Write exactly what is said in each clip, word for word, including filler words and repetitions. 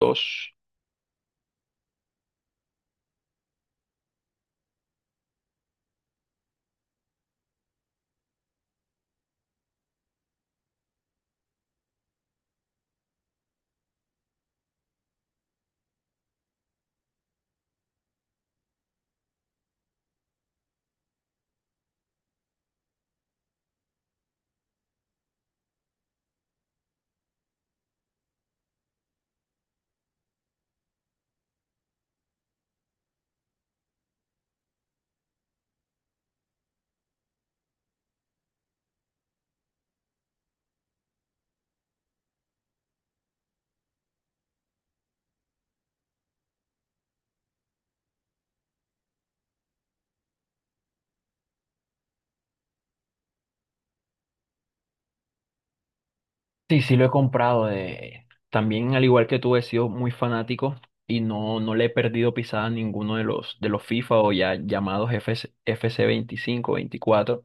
Dos. Sí, sí lo he comprado. eh, También, al igual que tú, he sido muy fanático y no, no le he perdido pisada a ninguno de los, de los FIFA o ya llamados F C F C veinticinco veinticuatro.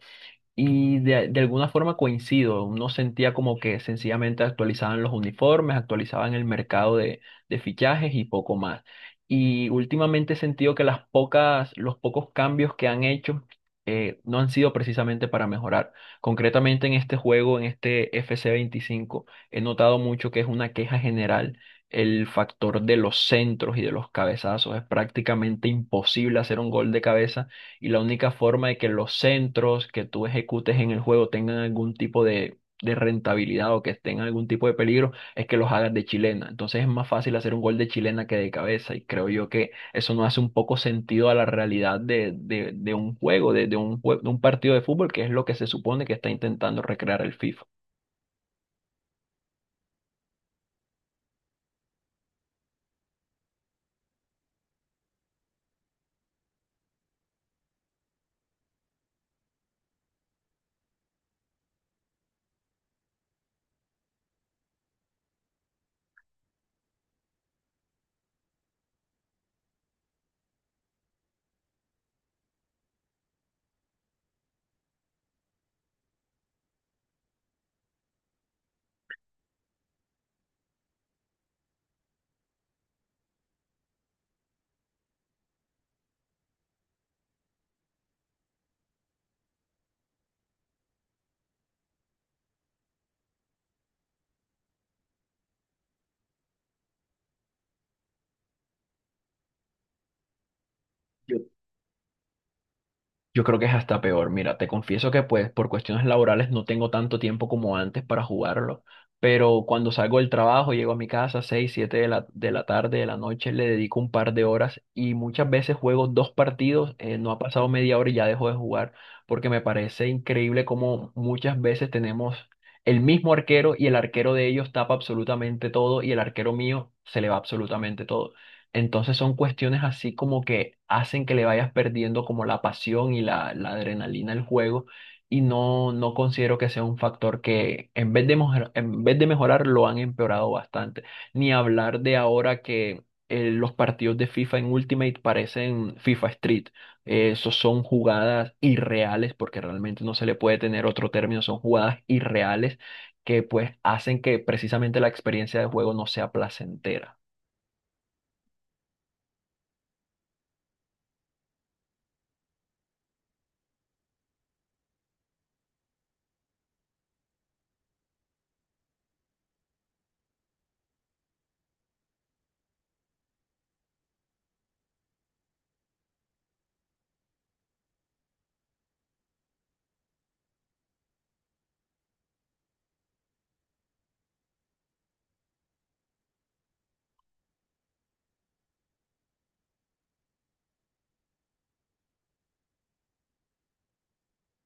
Y de, de alguna forma coincido, uno sentía como que sencillamente actualizaban los uniformes, actualizaban el mercado de, de fichajes y poco más. Y últimamente he sentido que las pocas, los pocos cambios que han hecho eh, no han sido precisamente para mejorar. Concretamente en este juego, en este F C veinticinco, he notado mucho que es una queja general el factor de los centros y de los cabezazos. Es prácticamente imposible hacer un gol de cabeza y la única forma de que los centros que tú ejecutes en el juego tengan algún tipo de, de rentabilidad o que tengan algún tipo de peligro es que los hagas de chilena. Entonces es más fácil hacer un gol de chilena que de cabeza y creo yo que eso no hace un poco sentido a la realidad de, de, de un juego, de, de un jue- de un partido de fútbol, que es lo que se supone que está intentando recrear el FIFA. Yo Yo creo que es hasta peor. Mira, te confieso que pues por cuestiones laborales no tengo tanto tiempo como antes para jugarlo, pero cuando salgo del trabajo, llego a mi casa seis, siete de la, de la tarde, de la noche, le dedico un par de horas y muchas veces juego dos partidos, eh, no ha pasado media hora y ya dejo de jugar, porque me parece increíble cómo muchas veces tenemos el mismo arquero y el arquero de ellos tapa absolutamente todo y el arquero mío se le va absolutamente todo. Entonces son cuestiones así como que hacen que le vayas perdiendo como la pasión y la, la adrenalina del juego y no, no considero que sea un factor que en vez de mejor- en vez de mejorar lo han empeorado bastante. Ni hablar de ahora que eh, los partidos de FIFA en Ultimate parecen FIFA Street. Eh, Esos son jugadas irreales porque realmente no se le puede tener otro término, son jugadas irreales que pues hacen que precisamente la experiencia de juego no sea placentera.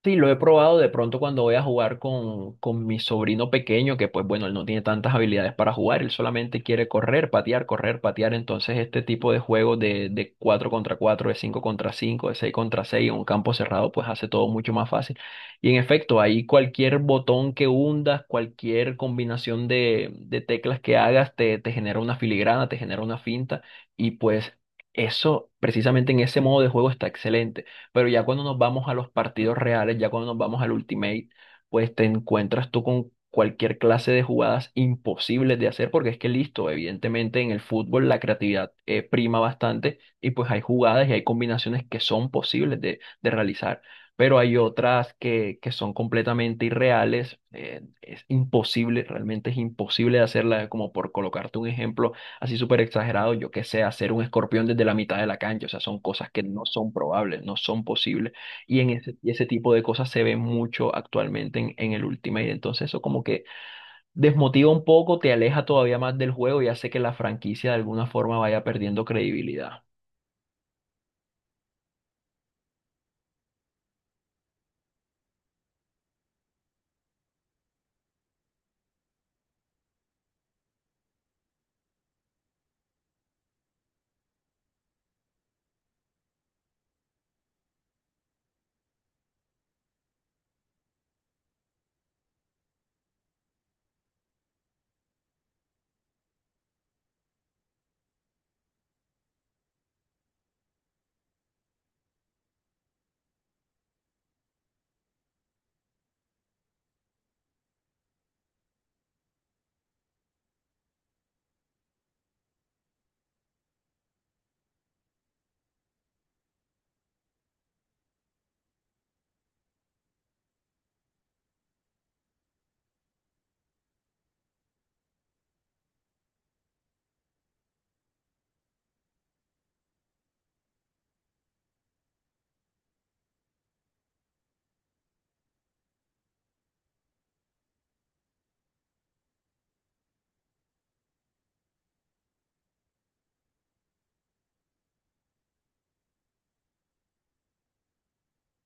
Sí, lo he probado de pronto cuando voy a jugar con, con mi sobrino pequeño, que pues bueno, él no tiene tantas habilidades para jugar, él solamente quiere correr, patear, correr, patear. Entonces este tipo de juegos de, de cuatro contra cuatro de cinco contra cinco de seis contra seis en un campo cerrado, pues hace todo mucho más fácil. Y en efecto, ahí cualquier botón que hundas, cualquier combinación de, de teclas que hagas, te, te genera una filigrana, te genera una finta y pues... Eso, precisamente en ese modo de juego está excelente. Pero ya cuando nos vamos a los partidos reales, ya cuando nos vamos al Ultimate, pues te encuentras tú con cualquier clase de jugadas imposibles de hacer, porque es que listo, evidentemente en el fútbol la creatividad eh, prima bastante y pues hay jugadas y hay combinaciones que son posibles de, de realizar. Pero hay otras que, que son completamente irreales, eh, es imposible, realmente es imposible de hacerla, como por colocarte un ejemplo, así súper exagerado, yo qué sé, hacer un escorpión desde la mitad de la cancha, o sea, son cosas que no son probables, no son posibles, y en ese, y ese tipo de cosas se ve mucho actualmente en, en el Ultimate, entonces eso como que desmotiva un poco, te aleja todavía más del juego y hace que la franquicia de alguna forma vaya perdiendo credibilidad.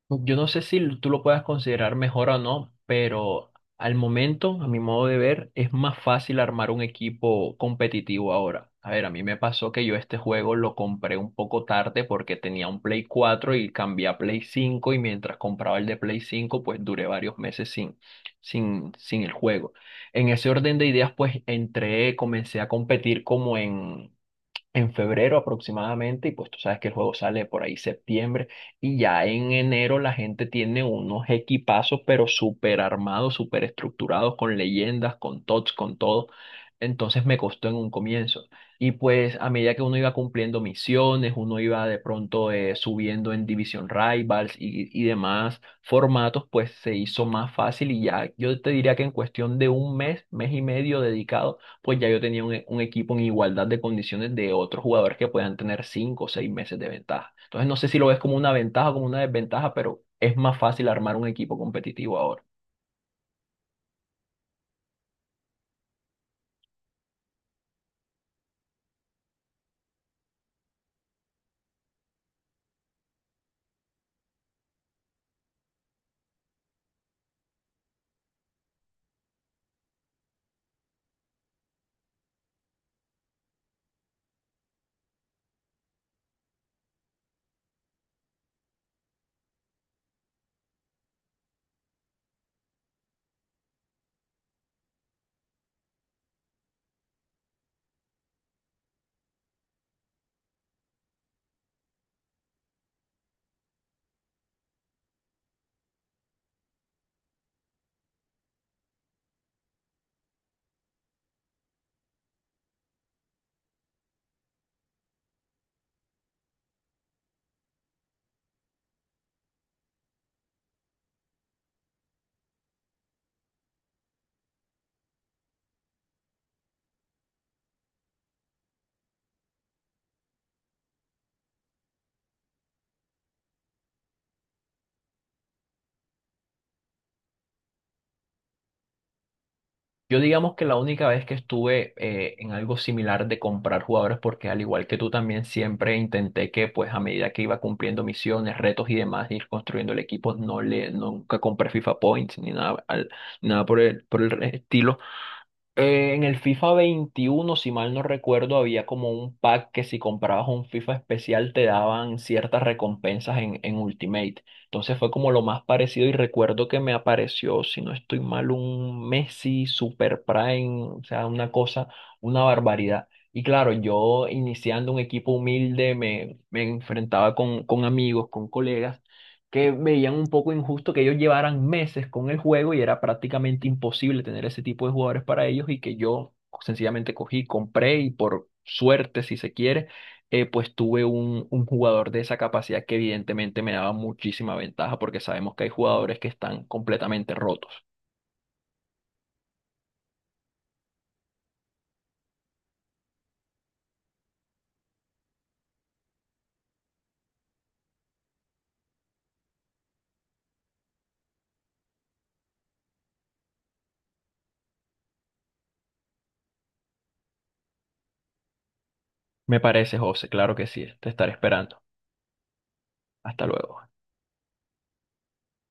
Yo no sé si tú lo puedas considerar mejor o no, pero al momento, a mi modo de ver, es más fácil armar un equipo competitivo ahora. A ver, a mí me pasó que yo este juego lo compré un poco tarde porque tenía un Play cuatro y cambié a Play cinco y mientras compraba el de Play cinco pues duré varios meses sin, sin, sin el juego. En ese orden de ideas, pues entré, comencé a competir como en en febrero aproximadamente, y pues tú sabes que el juego sale por ahí septiembre, y ya en enero la gente tiene unos equipazos, pero súper armados, súper estructurados, con leyendas, con tots, con todo. Entonces me costó en un comienzo. Y pues a medida que uno iba cumpliendo misiones, uno iba de pronto eh, subiendo en Division Rivals y, y demás formatos, pues se hizo más fácil y ya yo te diría que en cuestión de un mes, mes y medio dedicado, pues ya yo tenía un, e- un equipo en igualdad de condiciones de otros jugadores que puedan tener cinco o seis meses de ventaja. Entonces no sé si lo ves como una ventaja o como una desventaja, pero es más fácil armar un equipo competitivo ahora. Yo digamos que la única vez que estuve eh, en algo similar de comprar jugadores, porque al igual que tú también siempre intenté que pues a medida que iba cumpliendo misiones, retos y demás, ir construyendo el equipo, no le, nunca compré FIFA Points ni nada, al- nada por el, por el estilo. Eh, en el FIFA veintiuno, si mal no recuerdo, había como un pack que si comprabas un FIFA especial te daban ciertas recompensas en, en Ultimate. Entonces fue como lo más parecido y recuerdo que me apareció, si no estoy mal, un Messi Super Prime, o sea, una cosa, una barbaridad. Y claro, yo iniciando un equipo humilde me, me enfrentaba con, con amigos, con colegas que veían un poco injusto que ellos llevaran meses con el juego y era prácticamente imposible tener ese tipo de jugadores para ellos y que yo sencillamente cogí, compré y por suerte, si se quiere, eh, pues tuve un, un jugador de esa capacidad que evidentemente me daba muchísima ventaja porque sabemos que hay jugadores que están completamente rotos. Me parece, José, claro que sí, te estaré esperando. Hasta luego.